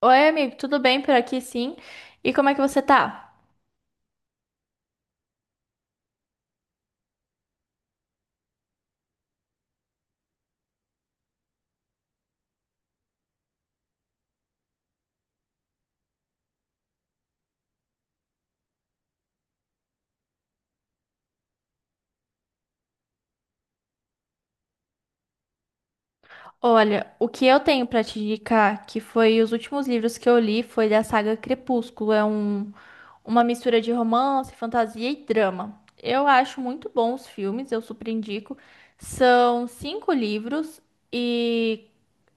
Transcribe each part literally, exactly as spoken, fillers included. Oi, amigo, tudo bem por aqui, sim? E como é que você tá? Olha, o que eu tenho pra te indicar, que foi os últimos livros que eu li, foi da saga Crepúsculo. É um, uma mistura de romance, fantasia e drama. Eu acho muito bons os filmes, eu super indico. São cinco livros e,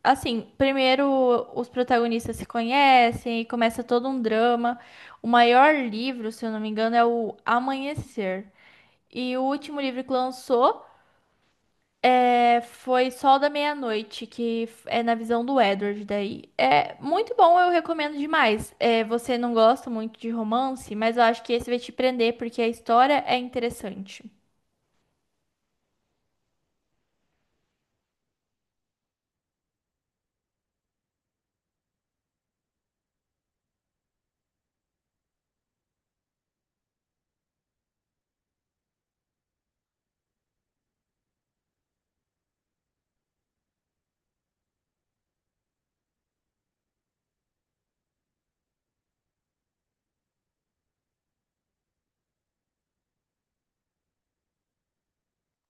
assim, primeiro os protagonistas se conhecem e começa todo um drama. O maior livro, se eu não me engano, é o Amanhecer. E o último livro que lançou. É, foi Sol da Meia-Noite, que f- é na visão do Edward daí. É muito bom, eu recomendo demais. É, você não gosta muito de romance, mas eu acho que esse vai te prender porque a história é interessante.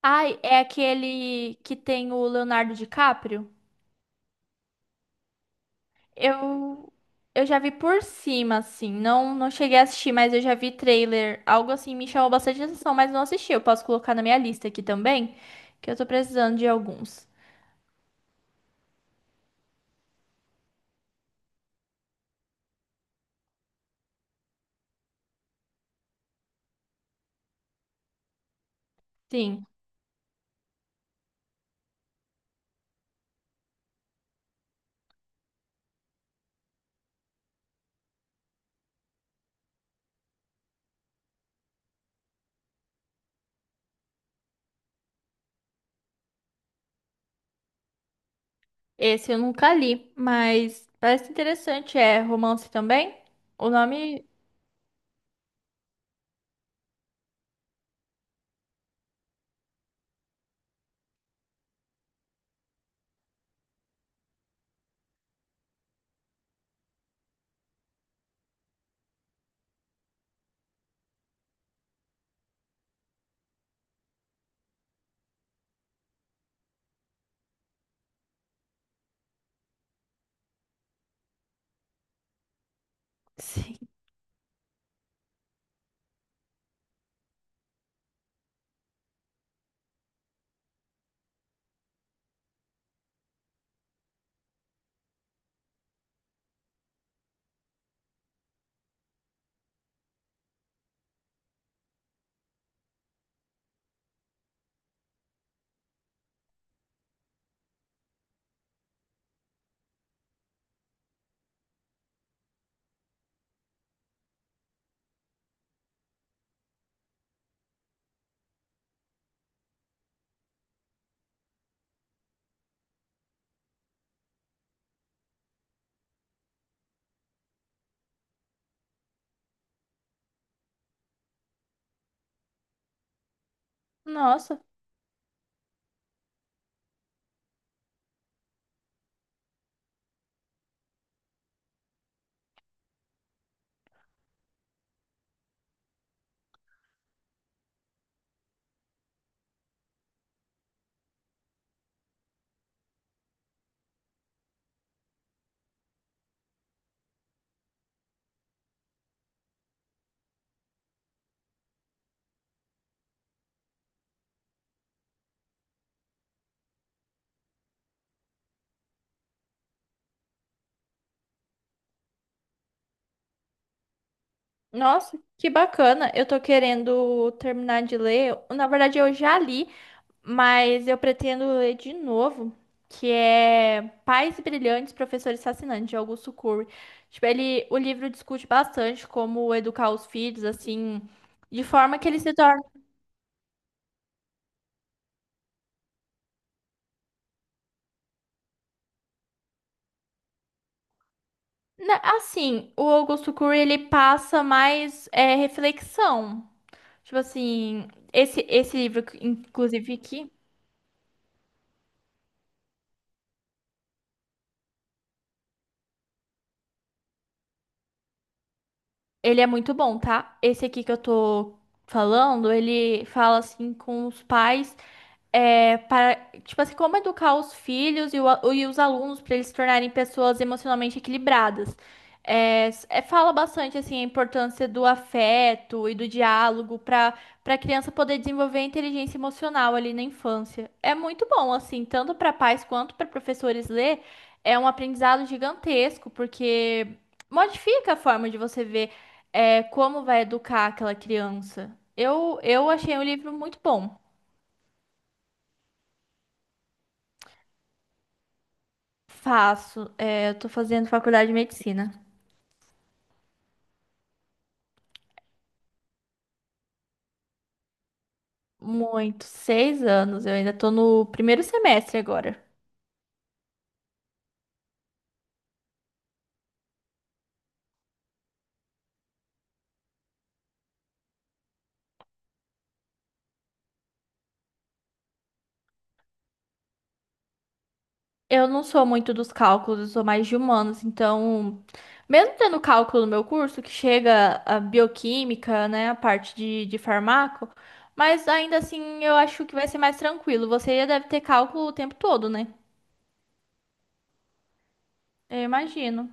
Ai, é aquele que tem o Leonardo DiCaprio? Eu eu já vi por cima assim, não não cheguei a assistir, mas eu já vi trailer, algo assim me chamou bastante atenção, mas não assisti. Eu posso colocar na minha lista aqui também, que eu tô precisando de alguns. Sim. Esse eu nunca li, mas parece interessante. É romance também? O nome. Sim. Nossa, nossa, que bacana. Eu tô querendo terminar de ler. Na verdade, eu já li, mas eu pretendo ler de novo. Que é Pais Brilhantes, Professores Fascinantes, de Augusto Cury. Tipo, ele, o livro discute bastante como educar os filhos, assim, de forma que eles se tornem. Na- Assim, o Augusto Cury, ele passa mais é, reflexão. Tipo assim, esse, esse livro, inclusive aqui, ele é muito bom, tá? Esse aqui que eu tô falando, ele fala assim com os pais. É, para, tipo assim, como educar os filhos e, o a- e os alunos para eles se tornarem pessoas emocionalmente equilibradas. É, s- é, fala bastante assim a importância do afeto e do diálogo para para a criança poder desenvolver a inteligência emocional ali na infância. É muito bom assim, tanto para pais quanto para professores ler, é um aprendizado gigantesco porque modifica a forma de você ver é, como vai educar aquela criança. Eu, eu achei o livro muito bom. Faço. É, eu tô fazendo faculdade de medicina. Muito. Seis anos. Eu ainda tô no primeiro semestre agora. Eu não sou muito dos cálculos, eu sou mais de humanos. Então, mesmo tendo cálculo no meu curso, que chega a bioquímica, né, a parte de, de farmaco, mas ainda assim eu acho que vai ser mais tranquilo. Você deve ter cálculo o tempo todo, né? Eu imagino.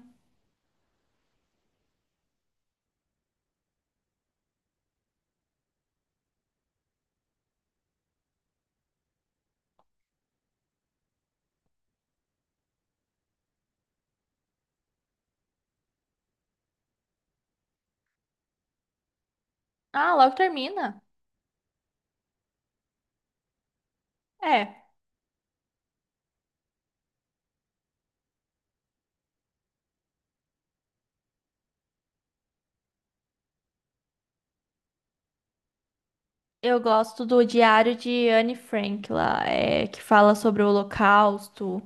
Ah, logo termina. É. Eu gosto do Diário de Anne Frank lá, é, que fala sobre o Holocausto.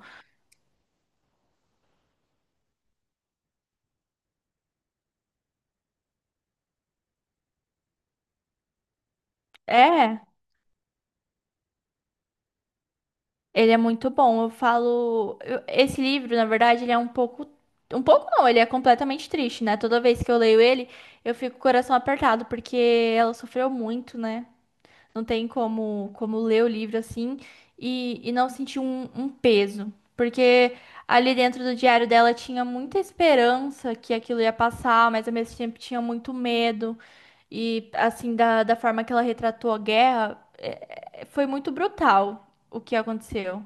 É, ele é muito bom. Eu falo, eu- esse livro, na verdade, ele é um pouco, um pouco não, ele é completamente triste, né? Toda vez que eu leio ele, eu fico com o coração apertado porque ela sofreu muito, né? Não tem como, como ler o livro assim e, e não sentir um, um peso. Porque ali dentro do diário dela tinha muita esperança que aquilo ia passar, mas ao mesmo tempo tinha muito medo. E assim, da, da forma que ela retratou a guerra, é- é- foi muito brutal o que aconteceu.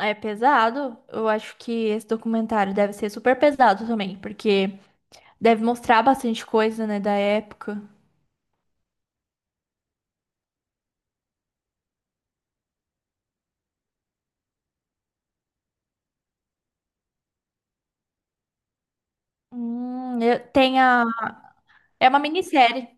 É pesado. Eu acho que esse documentário deve ser super pesado também, porque deve mostrar bastante coisa, né, da época. Hum, eu- tem a... É uma minissérie.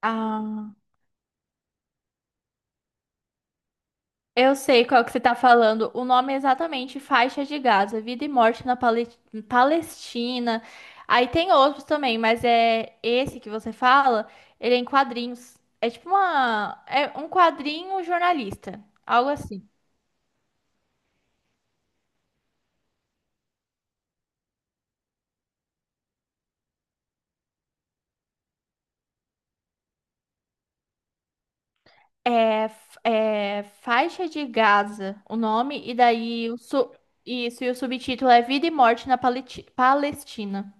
Ah, eu sei qual que você tá falando. O nome é exatamente Faixa de Gaza, Vida e Morte na Pale- Palestina. Aí tem outros também, mas é esse que você fala, ele é em quadrinhos. É tipo uma, é um quadrinho jornalista, algo assim. É, f- é Faixa de Gaza, o nome, e daí o su- isso, e o subtítulo é Vida e Morte na Paleti- Palestina.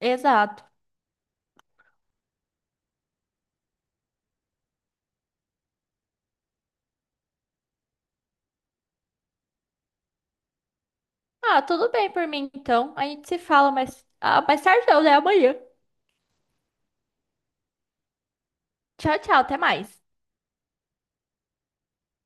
Exato. Ah, tudo bem por mim então. A gente se fala mais, ah, mais tarde, não, né? Amanhã. Tchau, tchau, até mais.